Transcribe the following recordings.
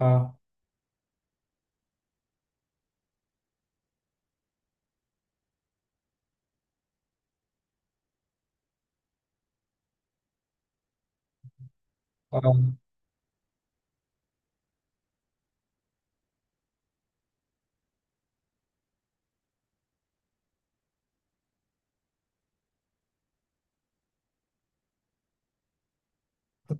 اه، اه،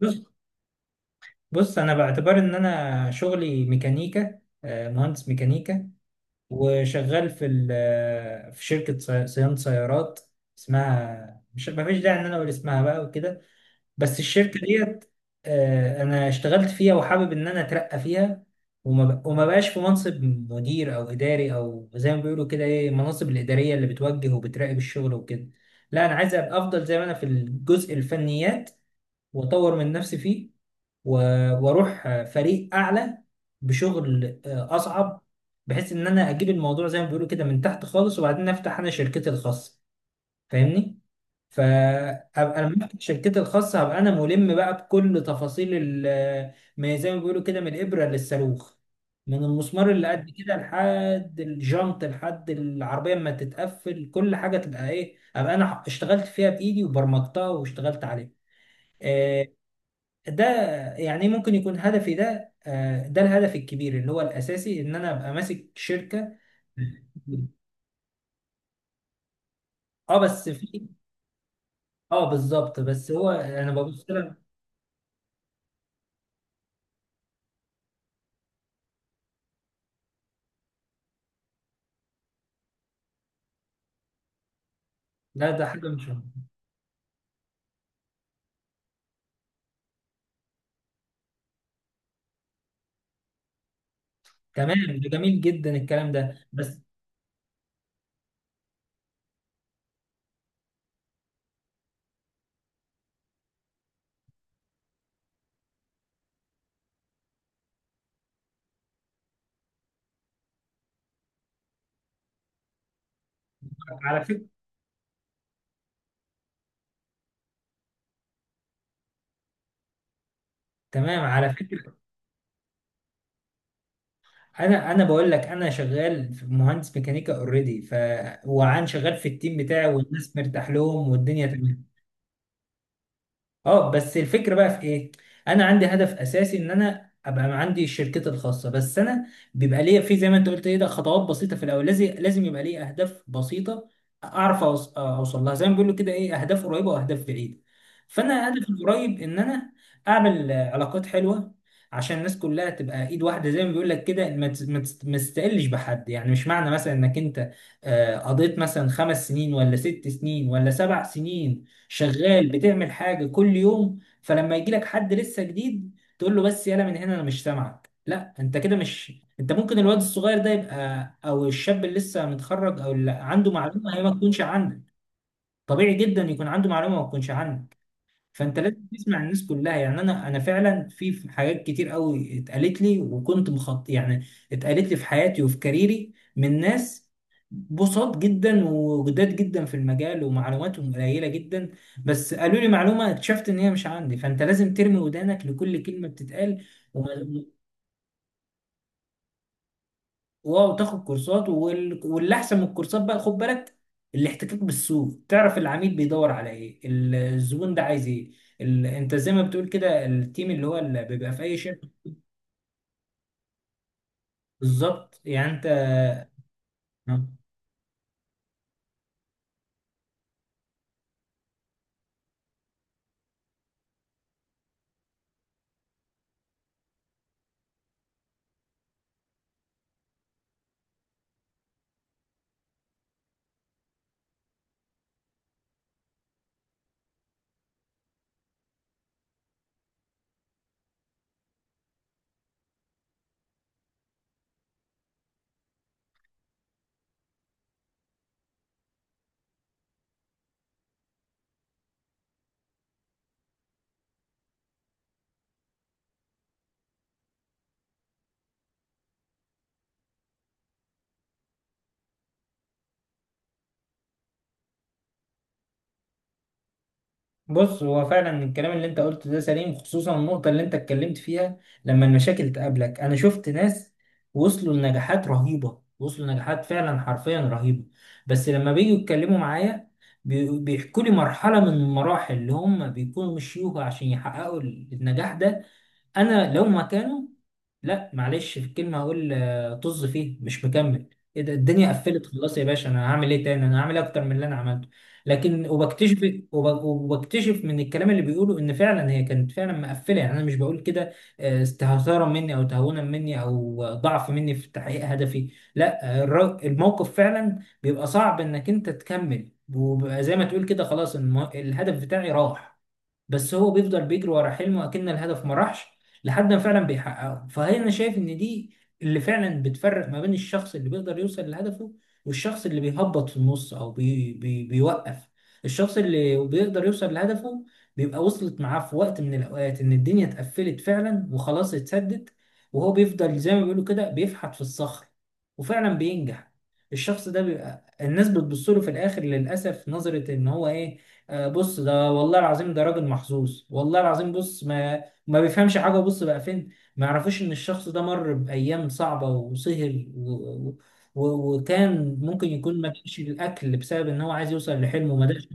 بص، بص، انا باعتبار ان انا شغلي ميكانيكا، مهندس ميكانيكا. وشغال في ال- آه، في شركه صيانه سيارات. اسمها، مش، ما فيش داعي ان انا اقول اسمها بقى وكده. بس الشركه ديت، انا اشتغلت فيها وحابب ان انا اترقى فيها. وما بقاش في منصب مدير او اداري، او زي ما بيقولوا كده ايه، المناصب الاداريه اللي بتوجه وبتراقب الشغل وكده. لا، انا عايز ابقى افضل زي ما انا في الجزء الفنيات، واطور من نفسي فيه، و- واروح فريق اعلى بشغل اصعب. بحيث ان انا اجيب الموضوع زي ما بيقولوا كده من تحت خالص، وبعدين افتح انا شركتي الخاصه. فاهمني؟ فابقى لما افتح شركتي الخاصه هبقى انا ملم بقى بكل تفاصيل ما زي ما بيقولوا كده، من الابره للصاروخ، من المسمار اللي قد كده لحد الجنط لحد العربيه اما تتقفل، كل حاجه تبقى ايه، ابقى انا اشتغلت فيها بايدي وبرمجتها واشتغلت عليها. آه، ده يعني ممكن يكون هدفي ده، ده الهدف الكبير اللي هو الاساسي، ان انا ابقى ماسك شركه. اه بس في. اه بالظبط، بس هو انا ببص لها. لا، ده حاجه، مش... تمام، ده جميل جدا الكلام ده، بس... على فكره، تمام، على فكره. انا بقول لك، انا شغال في مهندس ميكانيكا، اوريدي، ف... وعن شغال في التيم بتاعي، والناس مرتاح لهم والدنيا تمام. اه بس الفكره بقى في ايه. انا عندي هدف اساسي، ان انا ابقى عندي شركتي الخاصه، بس انا بيبقى ليا في، زي ما انت قلت ايه، ده خطوات بسيطه في الاول، لازم، لازم يبقى ليا اهداف بسيطه. اعرف اوصل لها، زي ما بيقولوا كده ايه، اهداف قريبه واهداف بعيده. فانا هدفي القريب ان انا اعمل علاقات حلوه، عشان الناس كلها تبقى ايد واحده، زي ما بيقول لك كده، ما تستقلش بحد. يعني مش معنى مثلا انك انت قضيت مثلا 5 سنين ولا 6 سنين ولا 7 سنين شغال بتعمل حاجه كل يوم، فلما يجي لك حد لسه جديد تقول له: بس يلا من هنا، انا مش سامعك، لا، انت كده مش... انت ممكن الواد الصغير ده يبقى، او الشاب اللي لسه متخرج، او اللي عنده معلومه هي ما تكونش عندك. طبيعي جدا يكون عنده معلومه ما تكونش عندك. فانت لازم تسمع الناس كلها. يعني انا فعلا في حاجات كتير قوي اتقالت لي، وكنت مخط يعني. اتقالت لي في حياتي وفي كاريري من ناس بساط جدا وجداد جدا في المجال، ومعلوماتهم قليله جدا، بس قالوا لي معلومه اكتشفت ان هي مش عندي. فانت لازم ترمي ودانك لكل كلمه بتتقال. وما تاخد كورسات، واللي احسن من الكورسات بقى، خد بالك، الاحتكاك بالسوق. تعرف العميل بيدور على ايه، الزبون ده عايز ايه. انت زي ما بتقول كده، التيم اللي هو اللي بيبقى في اي شركه. بالظبط يعني. انت... بص، هو فعلا الكلام اللي انت قلته ده سليم، خصوصا النقطة اللي انت اتكلمت فيها لما المشاكل تقابلك. انا شفت ناس وصلوا لنجاحات رهيبة، وصلوا لنجاحات فعلا حرفيا رهيبة. بس لما بيجوا يتكلموا معايا، بيحكوا لي مرحلة من المراحل اللي هم بيكونوا مشيوها عشان يحققوا النجاح ده. انا لو مكانه، لا معلش في الكلمة هقول طز فيه، مش مكمل. ايه ده، الدنيا قفلت خلاص يا باشا، انا هعمل ايه تاني؟ انا هعمل إيه اكتر من اللي انا عملته؟ لكن وبكتشف، وبكتشف من الكلام اللي بيقوله ان فعلا هي كانت فعلا مقفلة. يعني انا مش بقول كده استهتارا مني، او تهاونا مني، او ضعف مني في تحقيق هدفي. لا، الموقف فعلا بيبقى صعب انك انت تكمل، وبيبقى زي ما تقول كده خلاص، الهدف بتاعي راح. بس هو بيفضل بيجري ورا حلمه، اكن الهدف ما راحش، لحد ما فعلا بيحققه. فهي انا شايف ان دي اللي فعلا بتفرق ما بين الشخص اللي بيقدر يوصل لهدفه، والشخص اللي بيهبط في النص او بي بي بيوقف. الشخص اللي بيقدر يوصل لهدفه، بيبقى وصلت معاه في وقت من الاوقات ان الدنيا اتقفلت فعلا وخلاص اتسدت، وهو بيفضل زي ما بيقولوا كده بيفحت في الصخر، وفعلا بينجح. الشخص ده بيبقى الناس بتبص له في الاخر، للاسف، نظرة ان هو ايه: بص، ده والله العظيم ده راجل محظوظ، والله العظيم، بص، ما بيفهمش حاجة، بص بقى فين. ما يعرفوش ان الشخص ده مر بأيام صعبة وسهر و... وكان ممكن يكون ما لقاش الأكل بسبب ان هو عايز يوصل لحلمه وما لقاش.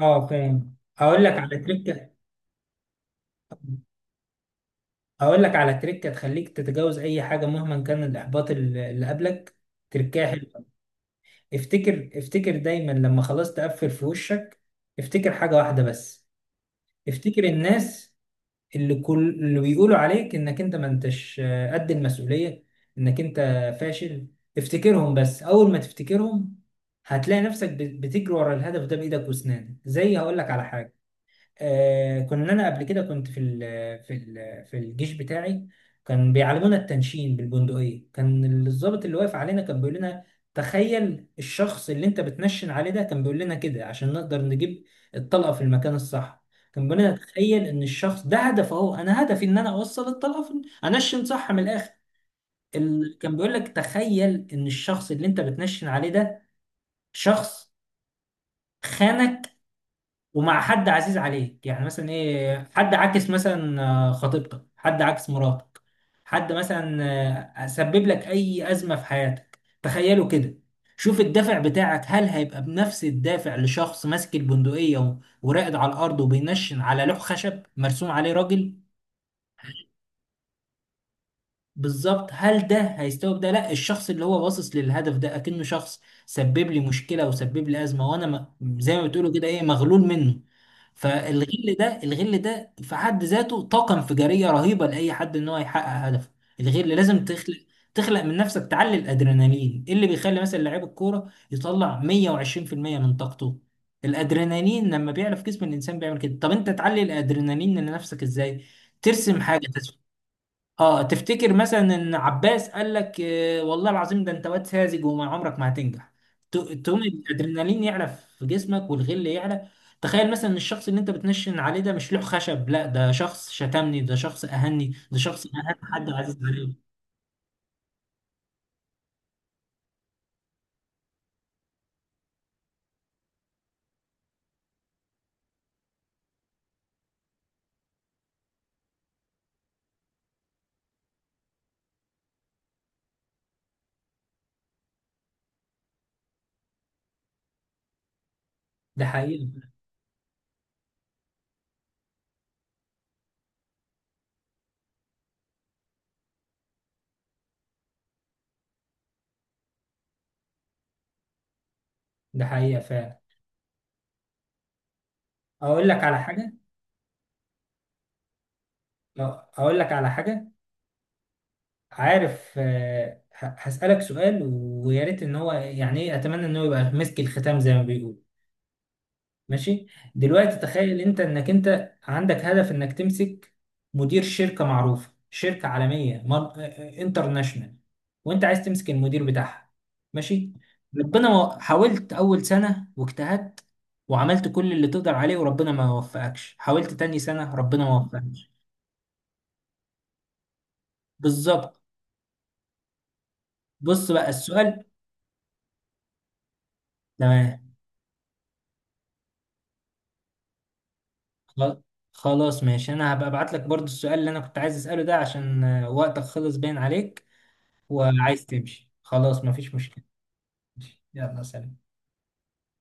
اه فاهم. اقول لك على تريكة تخليك تتجاوز اي حاجة مهما كان الإحباط اللي قبلك. تركاها حلوة. افتكر، افتكر دايما لما خلاص تقفل في وشك. افتكر حاجة واحدة بس. افتكر الناس، اللي كل اللي بيقولوا عليك انك انت ما انتش قد المسؤولية، انك انت فاشل. افتكرهم. بس اول ما تفتكرهم هتلاقي نفسك بتجري ورا الهدف ده بايدك واسنانك. زي... هقول لك على حاجة. انا قبل كده كنت في الجيش بتاعي. كان بيعلمونا التنشين بالبندقية. كان الضابط اللي واقف علينا كان بيقول لنا: تخيل الشخص اللي انت بتنشن عليه ده. كان بيقول لنا كده عشان نقدر نجيب الطلقة في المكان الصح. كان بيقول لنا: تخيل ان الشخص ده هدفه هو، انا هدفي ان انا اوصل الطلقة في... انشن صح من الاخر. كان بيقول لك: تخيل ان الشخص اللي انت بتنشن عليه ده شخص خانك، ومع حد عزيز عليك، يعني مثلا ايه، حد عاكس مثلا خطيبتك، حد عاكس مراتك، حد مثلا سبب لك اي ازمه في حياتك، تخيلوا كده. شوف الدافع بتاعك، هل هيبقى بنفس الدافع لشخص ماسك البندقيه وراقد على الارض وبينشن على لوح خشب مرسوم عليه راجل؟ بالظبط. هل ده هيستوعب ده؟ لا، الشخص اللي هو باصص للهدف ده اكنه شخص سبب لي مشكله وسبب لي ازمه، وانا زي ما بتقولوا كده ايه، مغلول منه. فالغل ده، الغل ده في حد ذاته طاقه انفجاريه رهيبه لاي حد ان هو يحقق هدفه. الغل لازم تخلق، تخلق من نفسك، تعلي الادرينالين. إيه اللي بيخلي مثلا لعيب الكوره يطلع 120% من طاقته؟ الادرينالين لما بيعلى في جسم الانسان بيعمل كده. طب انت تعلي الادرينالين لنفسك ازاي؟ ترسم حاجه. اه، تفتكر مثلا ان عباس قال لك: والله العظيم ده انت واد ساذج، وما عمرك ما هتنجح. تقوم الادرينالين يعلى في جسمك، والغل يعلى. تخيل مثلا ان الشخص اللي انت بتنشن عليه ده مش لوح خشب، لا، ده شخص شتمني، ده شخص اهني، ده شخص اهان حد عزيز عليه. ده حقيقة. ده حقيقة فعلا. اقول لك على حاجة اقول لك على حاجة. عارف؟ هسألك سؤال، ويا ريت ان هو، يعني ايه، اتمنى ان هو يبقى مسك الختام زي ما بيقول. ماشي. دلوقتي تخيل انت انك انت عندك هدف انك تمسك مدير شركة معروفة، شركة عالمية، انترناشونال، وانت عايز تمسك المدير بتاعها. ماشي. ربنا ما- حاولت اول سنة واجتهدت، وعملت كل اللي تقدر عليه، وربنا ما وفقكش. حاولت تاني سنة، ربنا ما وفقكش. بالظبط. بص بقى السؤال. تمام. خل- خلاص ماشي، انا هبقى ابعت لك برضو السؤال اللي انا كنت عايز اسأله ده، عشان وقتك خلص باين عليك وعايز تمشي، خلاص مفيش مشكلة. يلا سلام.